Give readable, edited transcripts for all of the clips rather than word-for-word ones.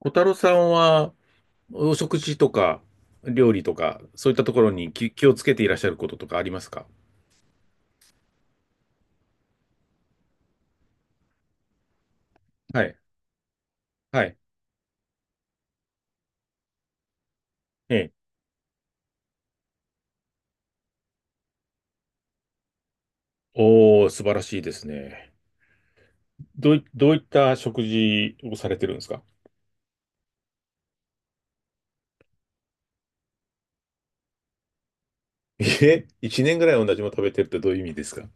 小太郎さんは、お食事とか、料理とか、そういったところに気をつけていらっしゃることとかありますか？はい。はい。ええ。おー、素晴らしいですね。どういった食事をされてるんですか？一年ぐらい同じもの食べてるってどういう意味ですか？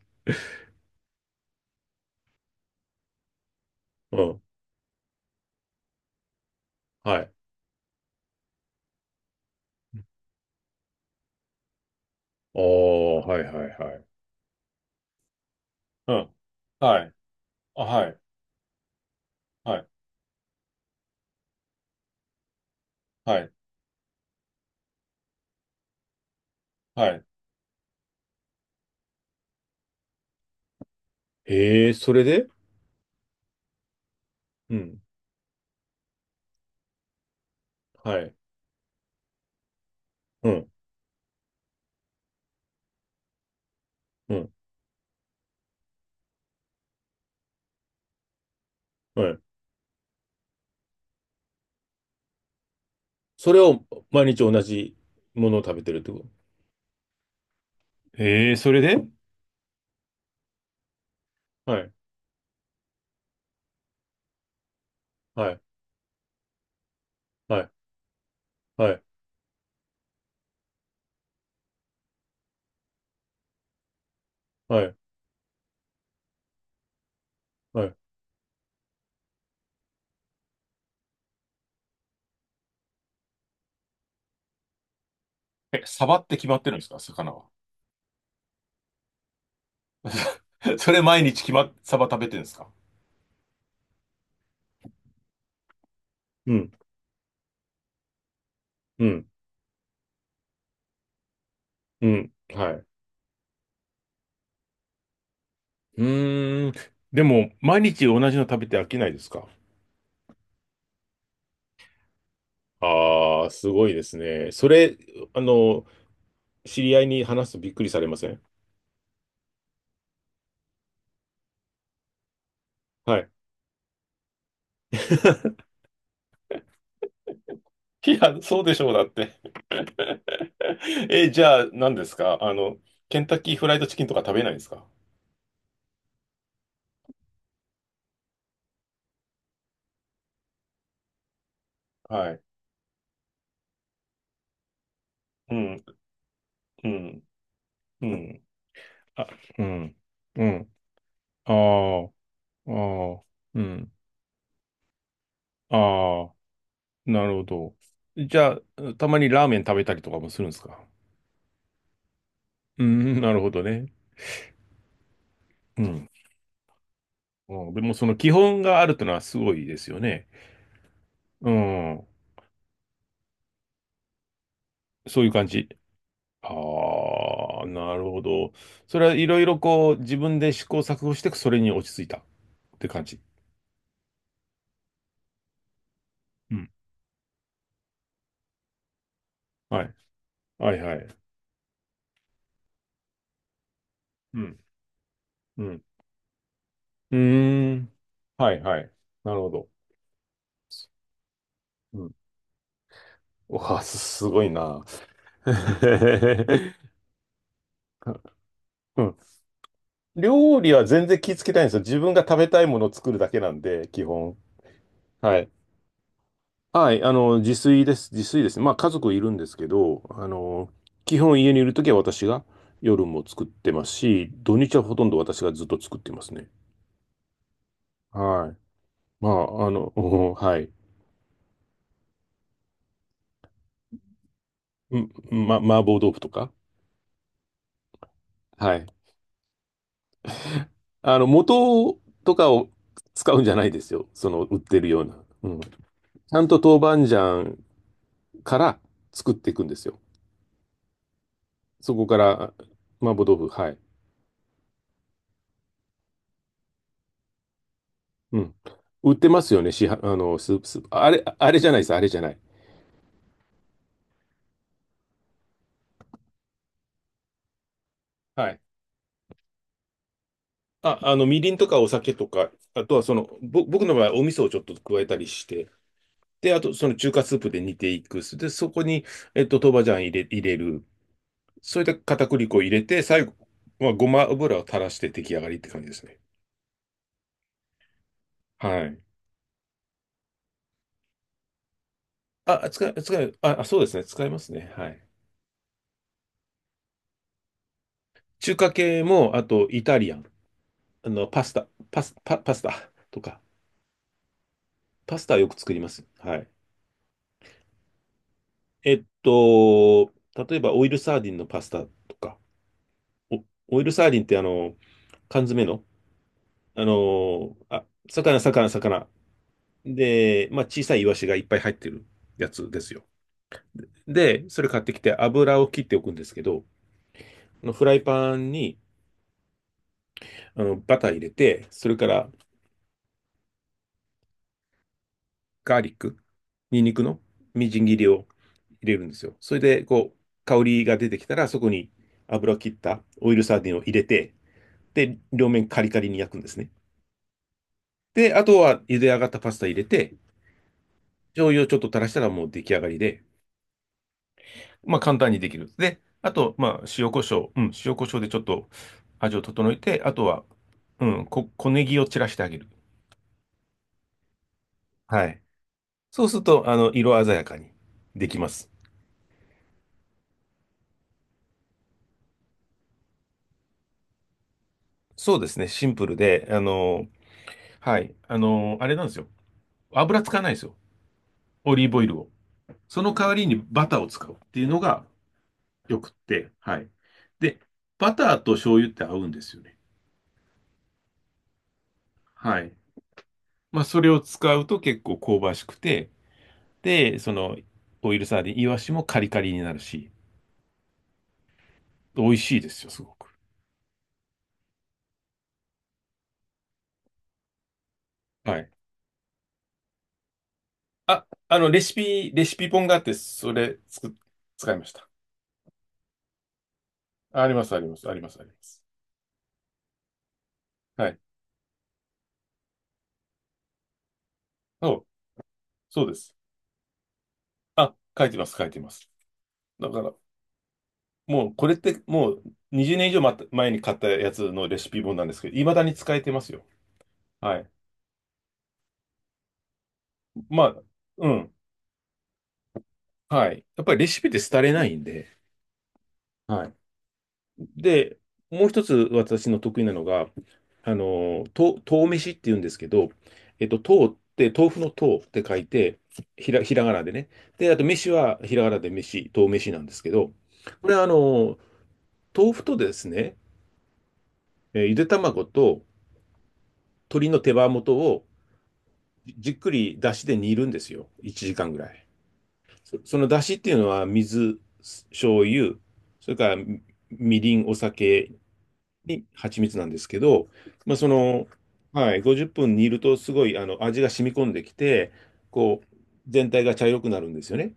うん。はい。おー、はい、はい、はい。うん。はい。あ、はい。はい。はい。はい。それで。うん。はい。うん。うん。はい。それを毎日同じものを食べてるってこと？ええ、それで。はい、はい、はい、はい、はい、はい。え、サバって決まってるんですか、魚は？それ毎日決まっ、サバ食べてるんですか？うん、うん、うん、はい。うーん。でも、毎日同じの食べて飽きないですか？ああー、すごいですね。それ、あの、知り合いに話すとびっくりされません？はい。いや、そうでしょう、だって。え、じゃあ、何ですか、ケンタッキーフライドチキンとか食べないんですか？はい。うん。うん、うん、あ、うん、うん、ああ、ああ、うん、ああ、なるほど。じゃあ、たまにラーメン食べたりとかもするんですか？うん。なるほどね。うん。うん、でもその基本があるというのはすごいですよね。うん、そういう感じ。ああ、なるほど。それはいろいろこう自分で試行錯誤してそれに落ち着いたって感じ。うん。はい。はい、はい。うん。うん。うーん。はい、はい。なるほど。うん。うわ、すごいな。うん。料理は全然気ぃつけないんですよ。自分が食べたいものを作るだけなんで、基本。はい。はい。自炊です。自炊ですね。まあ、家族いるんですけど、基本家にいるときは私が夜も作ってますし、土日はほとんど私がずっと作ってますね。はい。まあ、うん、はい。うん。麻婆豆腐とか。はい。素とかを使うんじゃないですよ。その、売ってるような。うん。ちゃんと豆板醤から作っていくんですよ。そこから、麻婆豆腐、はい。うん。売ってますよね、市販、スープ、スープ。あれ、あれじゃないです、あれじゃない。はい。あ、みりんとかお酒とか、あとはその、僕の場合、お味噌をちょっと加えたりして、で、あと、その中華スープで煮ていく。で、そこに、豆板醤入れる。それで片栗粉を入れて、最後、まあ、ごま油を垂らして出来上がりって感じですね。はい。あ、使い、使い、あ、そうですね。使いますね。はい。中華系も、あとイタリアン、パスタとか、パスタはよく作ります。はい。例えばオイルサーディンのパスタとか、おオイルサーディンって缶詰の、魚。で、まあ、小さいイワシがいっぱい入ってるやつですよ。で、それ買ってきて油を切っておくんですけど、フライパンにバター入れて、それからガーリック、ニンニクのみじん切りを入れるんですよ。それで、こう、香りが出てきたら、そこに油を切ったオイルサーディンを入れて、で、両面カリカリに焼くんですね。で、あとは茹で上がったパスタ入れて、醤油をちょっと垂らしたらもう出来上がりで、まあ簡単にできる。で、あと、まあ塩コショウ、うん、塩コショウでちょっと味を整えて、あとは、うん、小ネギを散らしてあげる。はい。そうすると、色鮮やかにできます。そうですね、シンプルで、はい。あれなんですよ。油使わないですよ。オリーブオイルを。その代わりにバターを使うっていうのがよくって、はい。で、バターと醤油って合うんですよね。はい。まあ、それを使うと結構香ばしくて、で、その、オイルサーディン、イワシもカリカリになるし、美味しいですよ、すごく。はい。あ、レシピ本があって、それ、使いました。あります、あります、あります、あります。はい。そう、そうです。あ、書いてます、書いてます。だから、もうこれってもう20年以上前に買ったやつのレシピ本なんですけど、未だに使えてますよ。はい。まあ、うん。はい。やっぱりレシピって廃れないんで。はい。で、もう一つ私の得意なのが、豆飯って言うんですけど、豆って豆腐の豆って書いて、ひらがなでね。で、あと飯はひらがなで飯、豆飯なんですけど、これは豆腐とですね、ゆで卵と鶏の手羽元をじっくり出汁で煮るんですよ。1時間ぐらい。その出汁っていうのは水、醤油、それからみりん、お酒に蜂蜜なんですけど、まあ、その、はい、50分煮るとすごい味が染み込んできて、こう、全体が茶色くなるんですよね。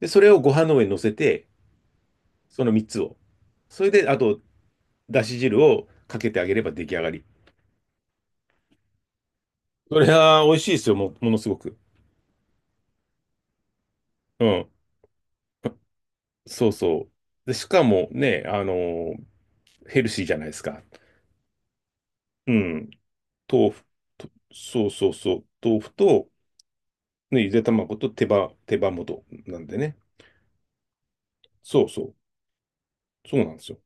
で、それをご飯の上に乗せて、その3つを。それで、あと、だし汁をかけてあげれば出来上がり。それは美味しいですよ、ものすごく。うん。そうそう。で、しかもね、ヘルシーじゃないですか。うん。豆腐と、そう、そう、そう。豆腐と、ね、ゆで卵と手羽元なんでね。そうそう。そうなんですよ。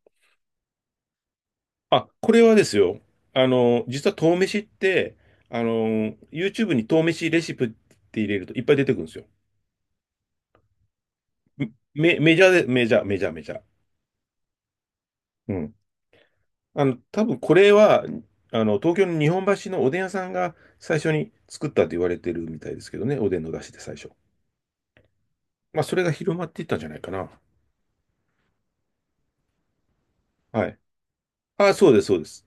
あ、これはですよ。実は豆飯って、YouTube に豆飯レシピって入れるといっぱい出てくるんですよ。メジャーで、メジャー、メジャー、メジャー。うん。多分これは、東京の日本橋のおでん屋さんが最初に作ったと言われてるみたいですけどね。おでんの出汁で最初。まあ、それが広まっていったんじゃないかな。はい。あ、そうです、そうです。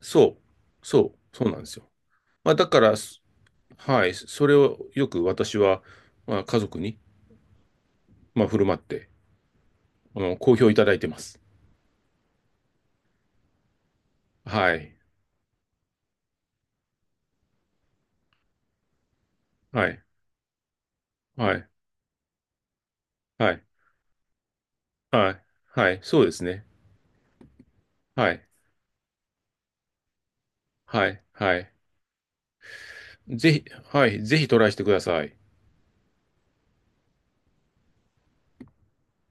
そう、そう、そうなんですよ。まあ、だから。はい、それをよく私は、まあ、家族に、まあ、振る舞って、好評いただいてます。はい、はい、はい、はい、はい、はい、そうですね。はい、はい、はい。ぜひ、はい、ぜひトライしてください。